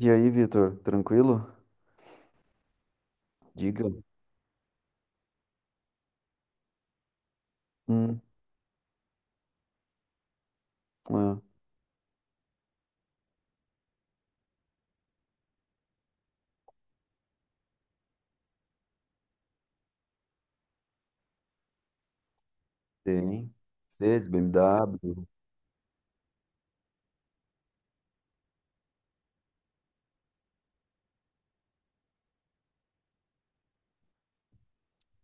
E aí, Vitor, tranquilo? Diga. Hum, é, tem. Mercedes, BMW.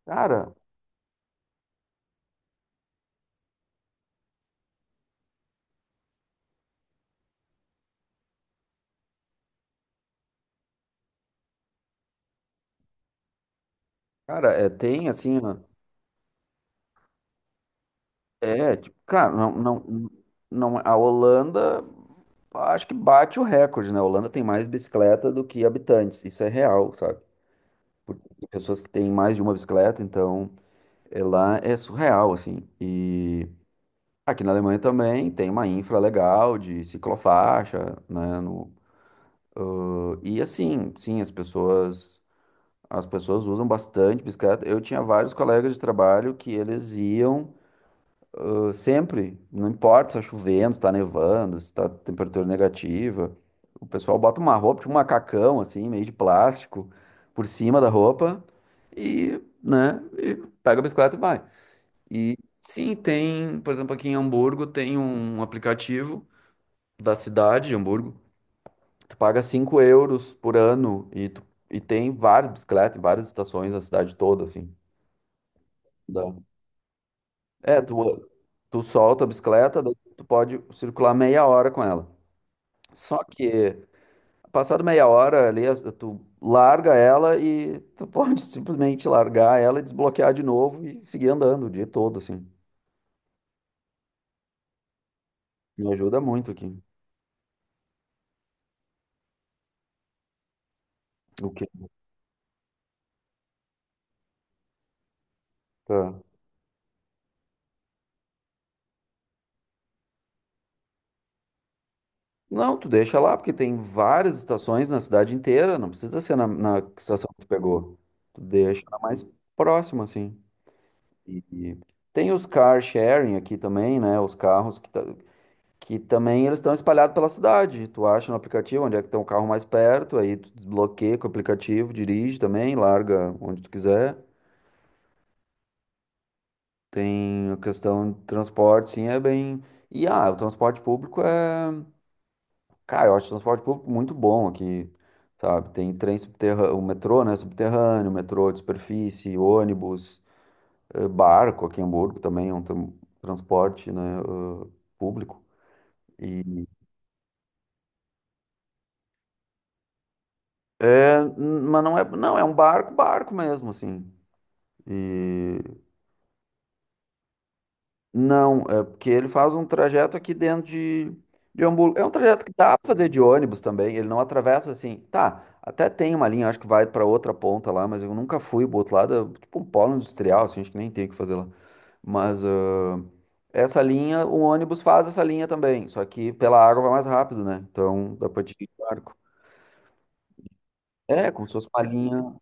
Cara, cara, é, tem assim, ó, é, tipo, cara, não, não, não, a Holanda acho que bate o recorde, né? A Holanda tem mais bicicleta do que habitantes, isso é real, sabe? Porque tem pessoas que têm mais de uma bicicleta, então é lá é surreal, assim. E aqui na Alemanha também tem uma infra legal de ciclofaixa, né? E assim, sim, as pessoas. As pessoas usam bastante bicicleta. Eu tinha vários colegas de trabalho que eles iam sempre, não importa se está chovendo, se está nevando, se está temperatura negativa. O pessoal bota uma roupa, tipo um macacão, assim, meio de plástico, por cima da roupa e, né, e pega a bicicleta e vai. E sim, tem, por exemplo, aqui em Hamburgo tem um aplicativo da cidade de Hamburgo. Tu paga 5 € por ano e, tu, e tem várias bicicletas em várias estações na cidade toda, assim. Dá. É, tu solta a bicicleta, daí tu pode circular meia hora com ela. Só que, passado meia hora ali, tu larga ela e tu pode simplesmente largar ela e desbloquear de novo e seguir andando o dia todo, assim. Me ajuda muito aqui. O que? Tá. Não, tu deixa lá, porque tem várias estações na cidade inteira, não precisa ser na, na estação que tu pegou. Tu deixa na mais próxima, assim. E tem os car sharing aqui também, né? Os carros que tá. Que também eles estão espalhados pela cidade. Tu acha no aplicativo onde é que tem o carro mais perto, aí tu desbloqueia com o aplicativo, dirige também, larga onde tu quiser. Tem a questão de transporte, sim, é bem. E ah, o transporte público é. Cara, eu acho o transporte público muito bom aqui, sabe? Tem trem subterrâneo, o metrô, né? Subterrâneo, metrô de superfície, ônibus, barco aqui em Hamburgo também é um transporte, né? Público. E... É, mas não é. Não, é um barco, barco mesmo, assim. E não, é porque ele faz um trajeto aqui dentro de Hamburgo. É um trajeto que dá pra fazer de ônibus também. Ele não atravessa assim. Tá, até tem uma linha, acho que vai pra outra ponta lá, mas eu nunca fui pro outro lado. É tipo um polo industrial, assim, acho que nem tem o que fazer lá. Mas ah, essa linha, o ônibus faz essa linha também. Só que pela água vai mais rápido, né? Então dá pra te ir de barco. É, como se fosse uma linha.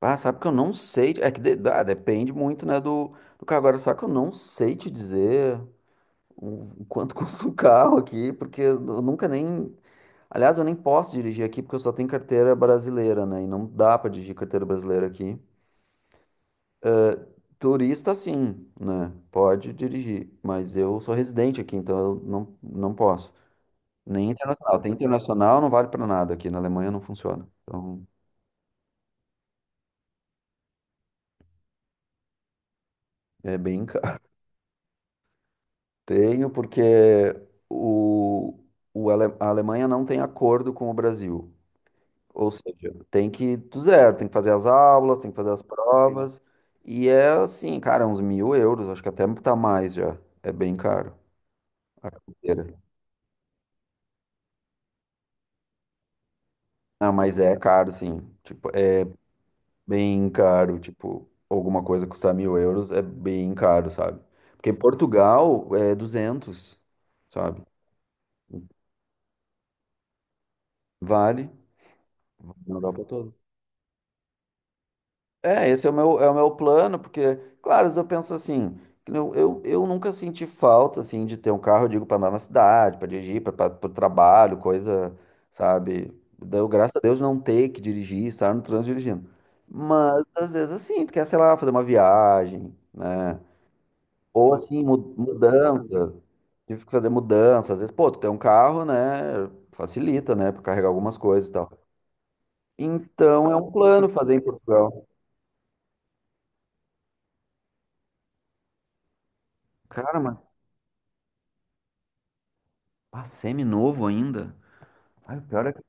Ah, sabe que eu não sei. É que depende muito, né, do, do cargo. Agora, só que eu não sei te dizer. O quanto custa o carro aqui, porque eu nunca nem. Aliás, eu nem posso dirigir aqui porque eu só tenho carteira brasileira, né? E não dá para dirigir carteira brasileira aqui. Turista, sim, né? Pode dirigir, mas eu sou residente aqui, então eu não, não posso. Nem internacional. Tem internacional, não vale para nada aqui. Na Alemanha não funciona. Então, é bem caro. Tenho porque o, a Alemanha não tem acordo com o Brasil. Ou seja, tem que ir do zero, tem que fazer as aulas, tem que fazer as provas. E é assim, cara, uns mil euros, acho que até tá mais já. É bem caro a carteira. Ah, mas é caro, sim. Tipo, é bem caro. Tipo, alguma coisa custar 1.000 € é bem caro, sabe? Porque em Portugal é 200, sabe? Vale. Na Europa toda. É, esse é o meu plano, porque, claro, às vezes eu penso assim, que eu nunca senti falta, assim, de ter um carro, eu digo, para andar na cidade, para dirigir, para o trabalho, coisa, sabe? Deu, graças a Deus não ter que dirigir, estar no trânsito dirigindo. Mas, às vezes, assim, tu quer, sei lá, fazer uma viagem, né? Ou, assim, mudança. Tive que fazer mudança. Às vezes, pô, tu tem um carro, né? Facilita, né? Pra carregar algumas coisas e tal. Então, é um plano fazer em Portugal. Cara, mas semi-novo ainda? Ai, o pior é que...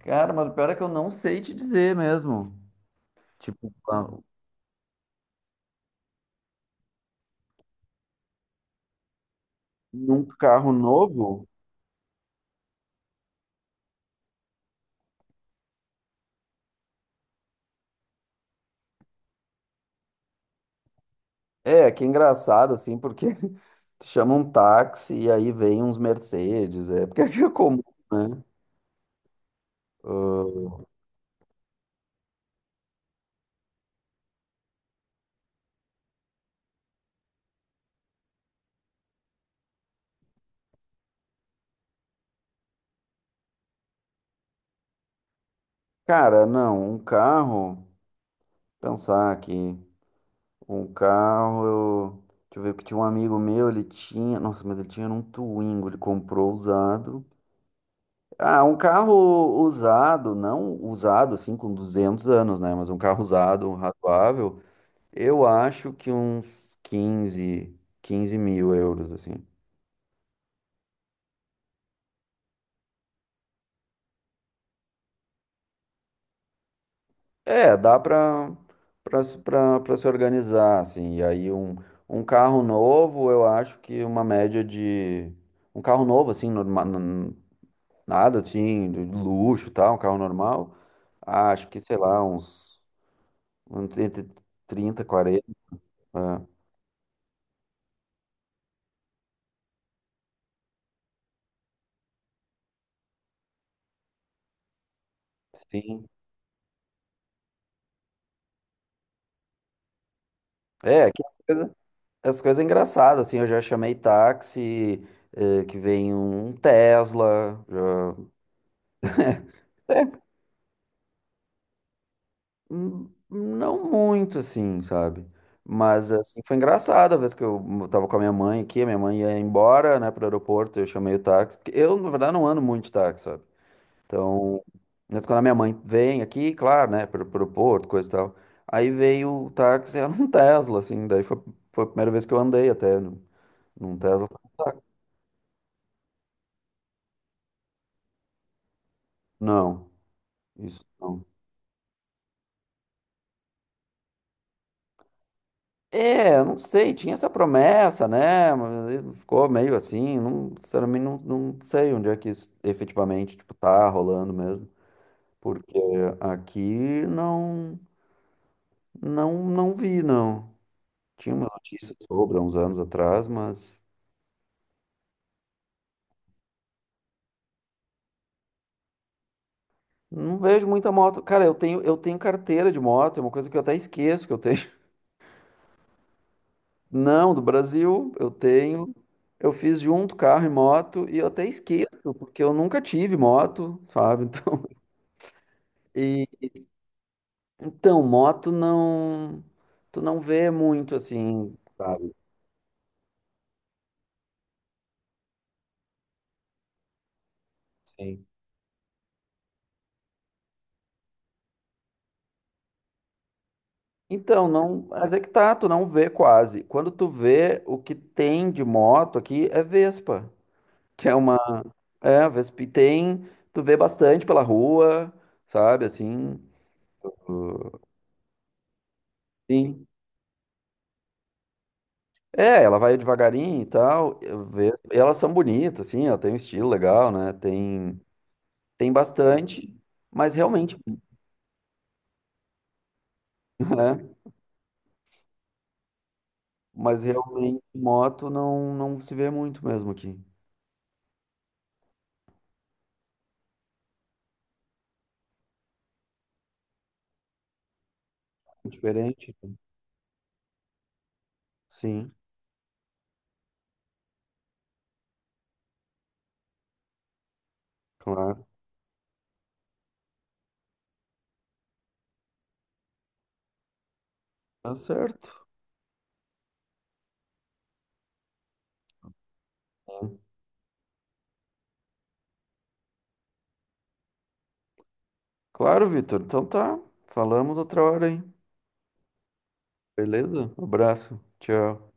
Cara, mas o pior é que eu não sei te dizer mesmo. Tipo, num carro novo? É, que é engraçado, assim, porque tu chama um táxi e aí vem uns Mercedes, é, porque aqui é comum, né? Ah, cara, não, um carro, pensar aqui, um carro, eu, deixa eu ver, que tinha um amigo meu, ele tinha, nossa, mas ele tinha um Twingo, ele comprou usado, ah, um carro usado, não usado assim com 200 anos, né? Mas um carro usado, um razoável, eu acho que uns 15, 15 mil euros, assim. É, dá pra se organizar, assim. E aí um carro novo, eu acho que uma média de... Um carro novo, assim, norma, nada assim, de luxo e tal, um carro normal, acho que, sei lá, uns entre 30, 40. É, sim. É, que as coisas engraçadas, assim, eu já chamei táxi, que vem um Tesla, é, não muito, assim, sabe? Mas, assim, foi engraçado a vez que eu tava com a minha mãe aqui, a minha mãe ia embora, né, pro aeroporto, eu chamei o táxi, porque eu, na verdade, não ando muito de táxi, sabe? Então, mas quando a minha mãe vem aqui, claro, né, pro, pro aeroporto, coisa e tal, aí veio o táxi, era um Tesla, assim, daí foi, foi a primeira vez que eu andei até num num Tesla, não. Isso não. É, eu não sei, tinha essa promessa, né? Mas aí ficou meio assim, não, sinceramente não, não sei onde é que isso efetivamente, tipo, tá rolando mesmo, porque aqui não, não, não vi, não. Tinha uma notícia sobre há uns anos atrás, mas não vejo muita moto. Cara, eu tenho carteira de moto, é uma coisa que eu até esqueço que eu tenho. Não, do Brasil, eu tenho. Eu fiz junto carro e moto e eu até esqueço, porque eu nunca tive moto, sabe? E então, moto não, tu não vê muito assim, sabe? Sim. Então, não, mas é que tá, tu não vê quase. Quando tu vê o que tem de moto aqui é Vespa, que é uma, é, Vespa e tem, tu vê bastante pela rua, sabe, assim. Sim. É, ela vai devagarinho e tal, e elas são bonitas, assim, ela tem um estilo legal, né? Tem, tem bastante, mas realmente, né? Mas realmente moto não, não se vê muito mesmo aqui. É diferente. Sim, claro. Tá certo. Claro, Vitor. Então tá. Falamos outra hora, hein? Beleza? Abraço. Tchau.